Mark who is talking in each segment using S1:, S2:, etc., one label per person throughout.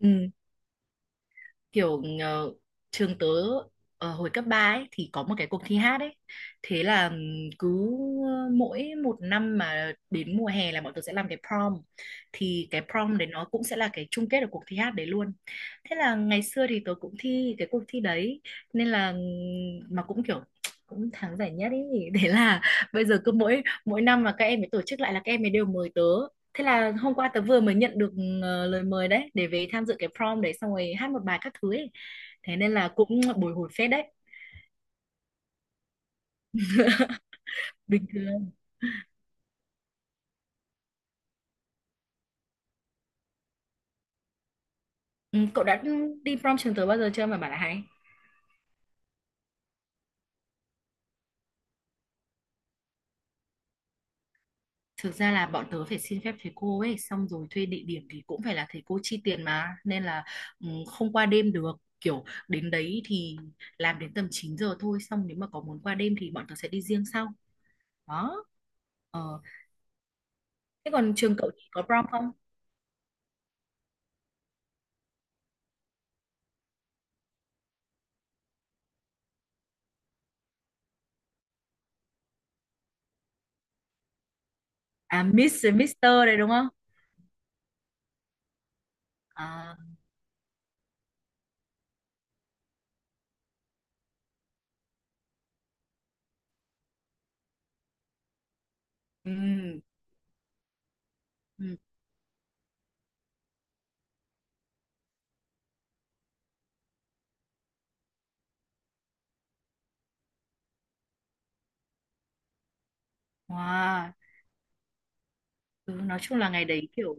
S1: Ừ, kiểu trường tớ hồi cấp 3 ấy thì có một cái cuộc thi hát ấy. Thế là cứ mỗi một năm mà đến mùa hè là bọn tớ sẽ làm cái prom. Thì cái prom đấy nó cũng sẽ là cái chung kết của cuộc thi hát đấy luôn. Thế là ngày xưa thì tớ cũng thi cái cuộc thi đấy nên là mà cũng kiểu cũng thắng giải nhất ý. Thế là bây giờ cứ mỗi mỗi năm mà các em ấy tổ chức lại là các em ấy đều mời tớ. Thế là hôm qua tớ vừa mới nhận được lời mời đấy để về tham dự cái prom đấy xong rồi hát một bài các thứ ấy. Thế nên là cũng bồi hồi phết đấy. Bình thường. Ừ, cậu đã đi prom trường tớ bao giờ chưa mà bảo là hay? Thực ra là bọn tớ phải xin phép thầy cô ấy xong rồi thuê địa điểm thì cũng phải là thầy cô chi tiền mà nên là không qua đêm được. Kiểu đến đấy thì làm đến tầm 9 giờ thôi, xong nếu mà có muốn qua đêm thì bọn tớ sẽ đi riêng sau. Đó. Ờ. Thế còn trường cậu thì có prom không? À, Miss với Mister đấy đúng không? À, ừ. Ừ. Wow. Ừ, nói chung là ngày đấy kiểu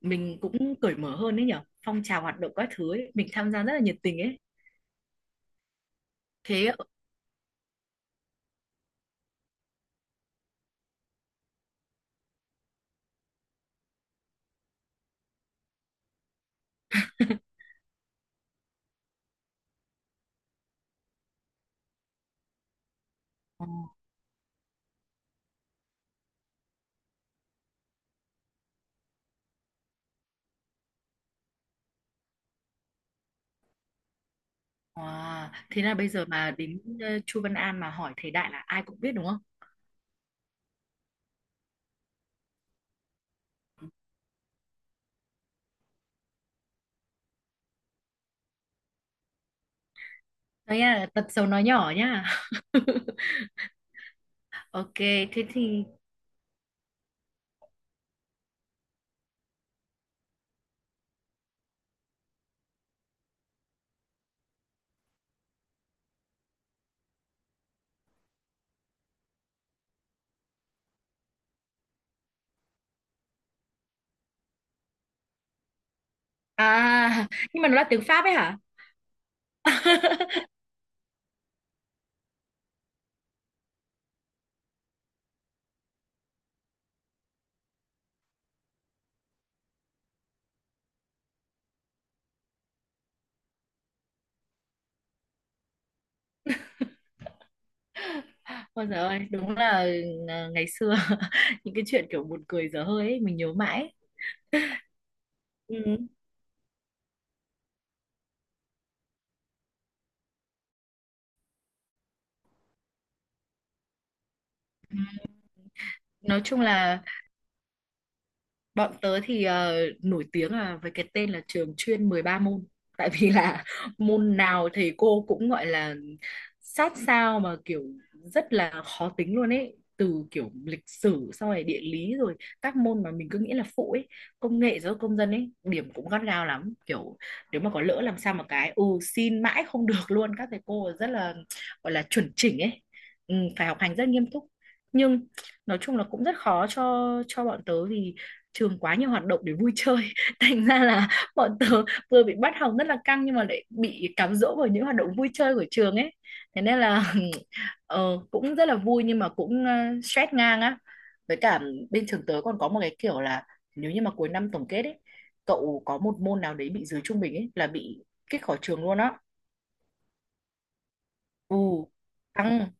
S1: mình cũng cởi mở hơn đấy nhở, phong trào hoạt động các thứ ấy mình tham gia rất là nhiệt tình ấy thế. Ồ, wow. Thế là bây giờ mà đến Chu Văn An mà hỏi thầy Đại là ai cũng biết đúng không? Đấy là tật xấu nói nhỏ nhá. Ok, thế thì à nhưng mà nó là tiếng Pháp ấy hả? Ôi giời ơi, đúng là ngày xưa những cái chuyện kiểu buồn cười dở hơi ấy, mình nhớ mãi. Ừ. Nói chung là bọn tớ thì nổi tiếng là với cái tên là trường chuyên 13 môn. Tại vì là môn nào thầy cô cũng gọi là sát sao mà kiểu rất là khó tính luôn ấy. Từ kiểu lịch sử xong rồi địa lý rồi các môn mà mình cứ nghĩ là phụ ấy, công nghệ giáo dục công dân ấy, điểm cũng gắt gao lắm. Kiểu nếu mà có lỡ làm sao mà cái xin mãi không được luôn, các thầy cô rất là gọi là chuẩn chỉnh ấy. Ừ, phải học hành rất nghiêm túc. Nhưng nói chung là cũng rất khó cho bọn tớ vì trường quá nhiều hoạt động để vui chơi, thành ra là bọn tớ vừa bị bắt học rất là căng nhưng mà lại bị cám dỗ bởi những hoạt động vui chơi của trường ấy, thế nên là ờ, cũng rất là vui nhưng mà cũng stress ngang á. Với cả bên trường tớ còn có một cái kiểu là nếu như mà cuối năm tổng kết ấy, cậu có một môn nào đấy bị dưới trung bình ấy là bị kích khỏi trường luôn á. Ồ, căng.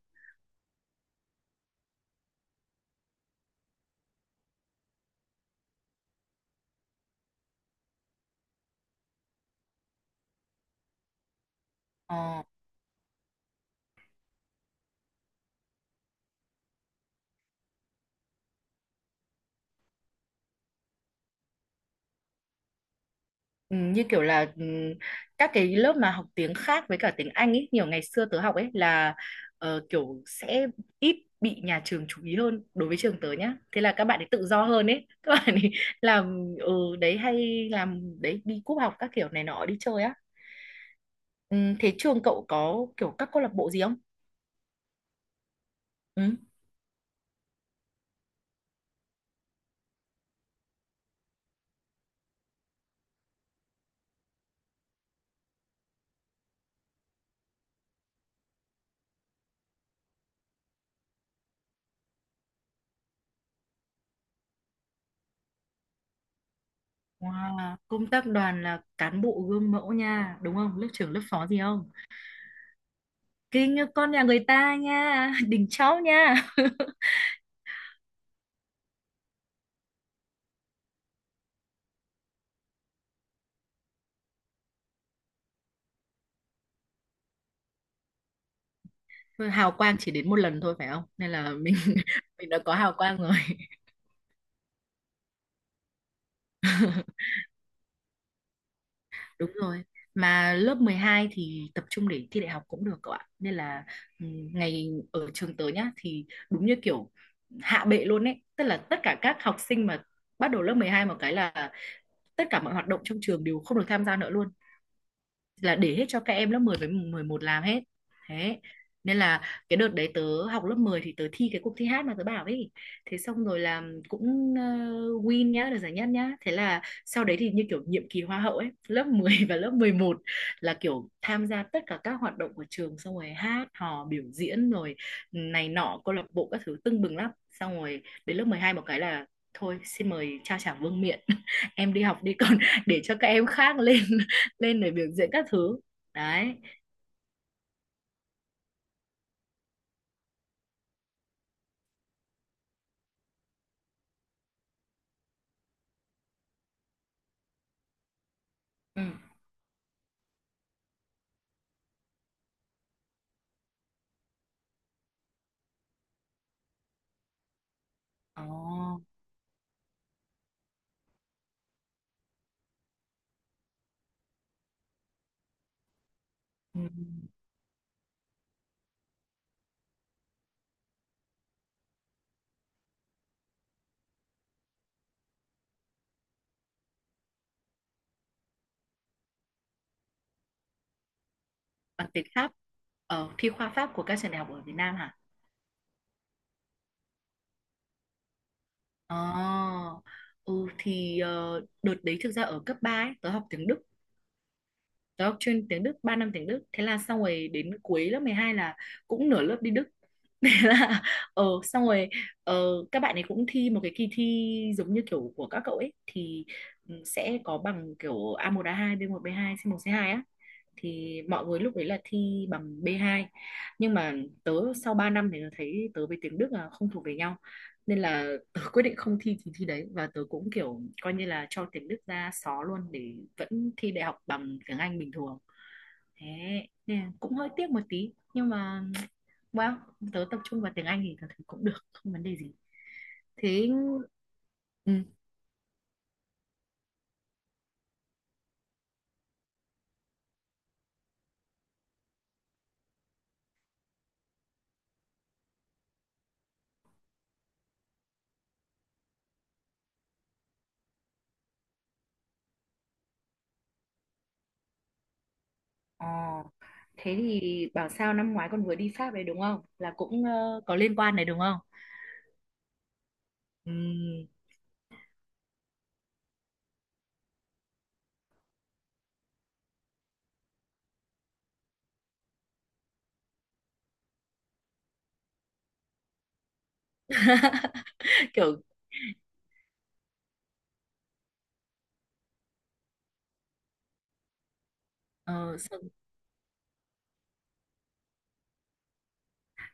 S1: Ờ. Ừ, như kiểu là các cái lớp mà học tiếng khác với cả tiếng Anh ấy, nhiều ngày xưa tớ học ấy là kiểu sẽ ít bị nhà trường chú ý hơn đối với trường tớ nhá. Thế là các bạn ấy tự do hơn ấy. Các bạn ấy làm đấy hay làm đấy, đi cúp học các kiểu này nọ đi chơi á. Ừ, thế trường cậu có kiểu các câu lạc bộ gì không? Ừ. Wow, công tác đoàn là cán bộ gương mẫu nha, đúng không? Lớp trưởng lớp phó gì không? Kinh như con nhà người ta nha, đỉnh cháu nha. Thôi, hào quang chỉ đến một lần thôi phải không? Nên là mình mình đã có hào quang rồi. Đúng rồi. Mà lớp 12 thì tập trung để thi đại học cũng được cậu ạ. Nên là ừ, ngày ở trường tớ nhá thì đúng như kiểu hạ bệ luôn ấy, tức là tất cả các học sinh mà bắt đầu lớp 12 một cái là tất cả mọi hoạt động trong trường đều không được tham gia nữa luôn, là để hết cho các em lớp 10 với 11 làm hết. Thế nên là cái đợt đấy tớ học lớp 10 thì tớ thi cái cuộc thi hát mà tớ bảo ấy, thế xong rồi là cũng win nhá, được giải nhất nhá, thế là sau đấy thì như kiểu nhiệm kỳ hoa hậu ấy, lớp 10 và lớp 11 là kiểu tham gia tất cả các hoạt động của trường xong rồi hát hò biểu diễn rồi này nọ câu lạc bộ các thứ tưng bừng lắm, xong rồi đến lớp 12 một cái là thôi xin mời trao trả vương miện, em đi học đi, còn để cho các em khác lên lên để biểu diễn các thứ đấy ừ. Ồ. Ừ. Bằng tiếng Pháp, ở thi khoa Pháp của các trường đại học ở Việt Nam hả? Ồ. Ừ thì đợt đấy thực ra ở cấp 3 ấy, tớ học tiếng Đức, tớ học chuyên tiếng Đức 3 năm tiếng Đức, thế là xong rồi đến cuối lớp 12 là cũng nửa lớp đi Đức. Thế là xong rồi ờ, các bạn ấy cũng thi một cái kỳ thi giống như kiểu của các cậu ấy, thì sẽ có bằng kiểu A1 A2, B1 B2, C1 C2 á, thì mọi người lúc đấy là thi bằng B2. Nhưng mà tớ sau 3 năm thì tớ thấy tớ với tiếng Đức là không thuộc về nhau, nên là tớ quyết định không thi thì thi đấy, và tớ cũng kiểu coi như là cho tiếng Đức ra xó luôn để vẫn thi đại học bằng tiếng Anh bình thường. Thế nên là cũng hơi tiếc một tí nhưng mà well, tớ tập trung vào tiếng Anh thì tớ thấy cũng được, không vấn đề gì thế. Ừ. ờ, Thế thì bảo sao năm ngoái con vừa đi Pháp đấy đúng không, là cũng có liên quan đấy đúng không? Ừ. Kiểu ờ, sao-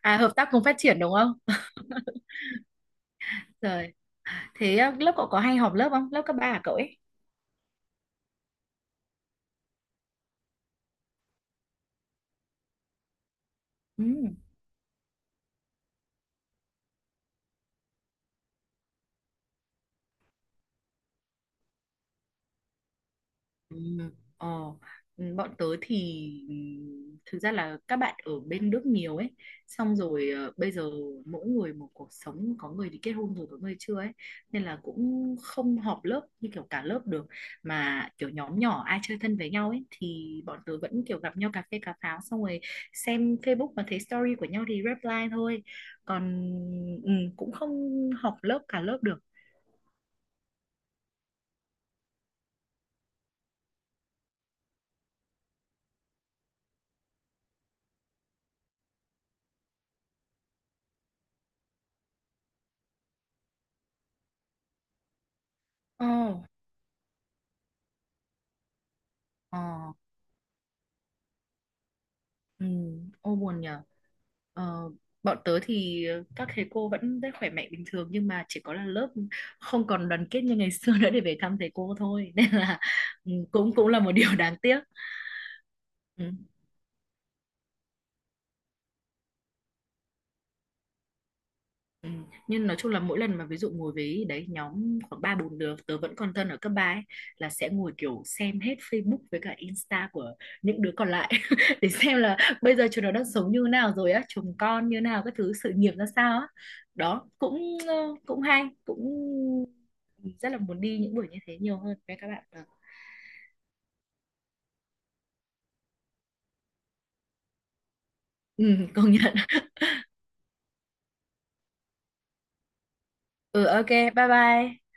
S1: à, hợp tác cùng phát triển đúng không? Rồi. Thế lớp cậu có hay họp lớp không? Lớp cấp ba của cậu ấy. Ừ. Ừ, Ờ, bọn tớ thì ừ, thực ra là các bạn ở bên Đức nhiều ấy, xong rồi bây giờ mỗi người một cuộc sống, có người thì kết hôn rồi có người chưa ấy, nên là cũng không họp lớp như kiểu cả lớp được, mà kiểu nhóm nhỏ ai chơi thân với nhau ấy thì bọn tớ vẫn kiểu gặp nhau cà phê cà pháo, xong rồi xem Facebook mà thấy story của nhau thì reply thôi, còn ừ, cũng không họp lớp cả lớp được. Ồ, ờ, ừ, ô buồn nhỉ. Ờ, bọn tớ thì các thầy cô vẫn rất khỏe mạnh bình thường, nhưng mà chỉ có là lớp không còn đoàn kết như ngày xưa nữa để về thăm thầy cô thôi, nên là cũng cũng là một điều đáng tiếc ừ, ừ. Nhưng nói chung là mỗi lần mà ví dụ ngồi với đấy nhóm khoảng ba bốn đứa tớ vẫn còn thân ở cấp ba ấy, là sẽ ngồi kiểu xem hết Facebook với cả Insta của những đứa còn lại để xem là bây giờ chúng nó đang sống như thế nào rồi á, chồng con như thế nào, các thứ sự nghiệp ra sao á. Đó cũng cũng hay, cũng rất là muốn đi những buổi như thế nhiều hơn với các bạn. Vâng. Ừ, công nhận. Ừ, ok, bye bye.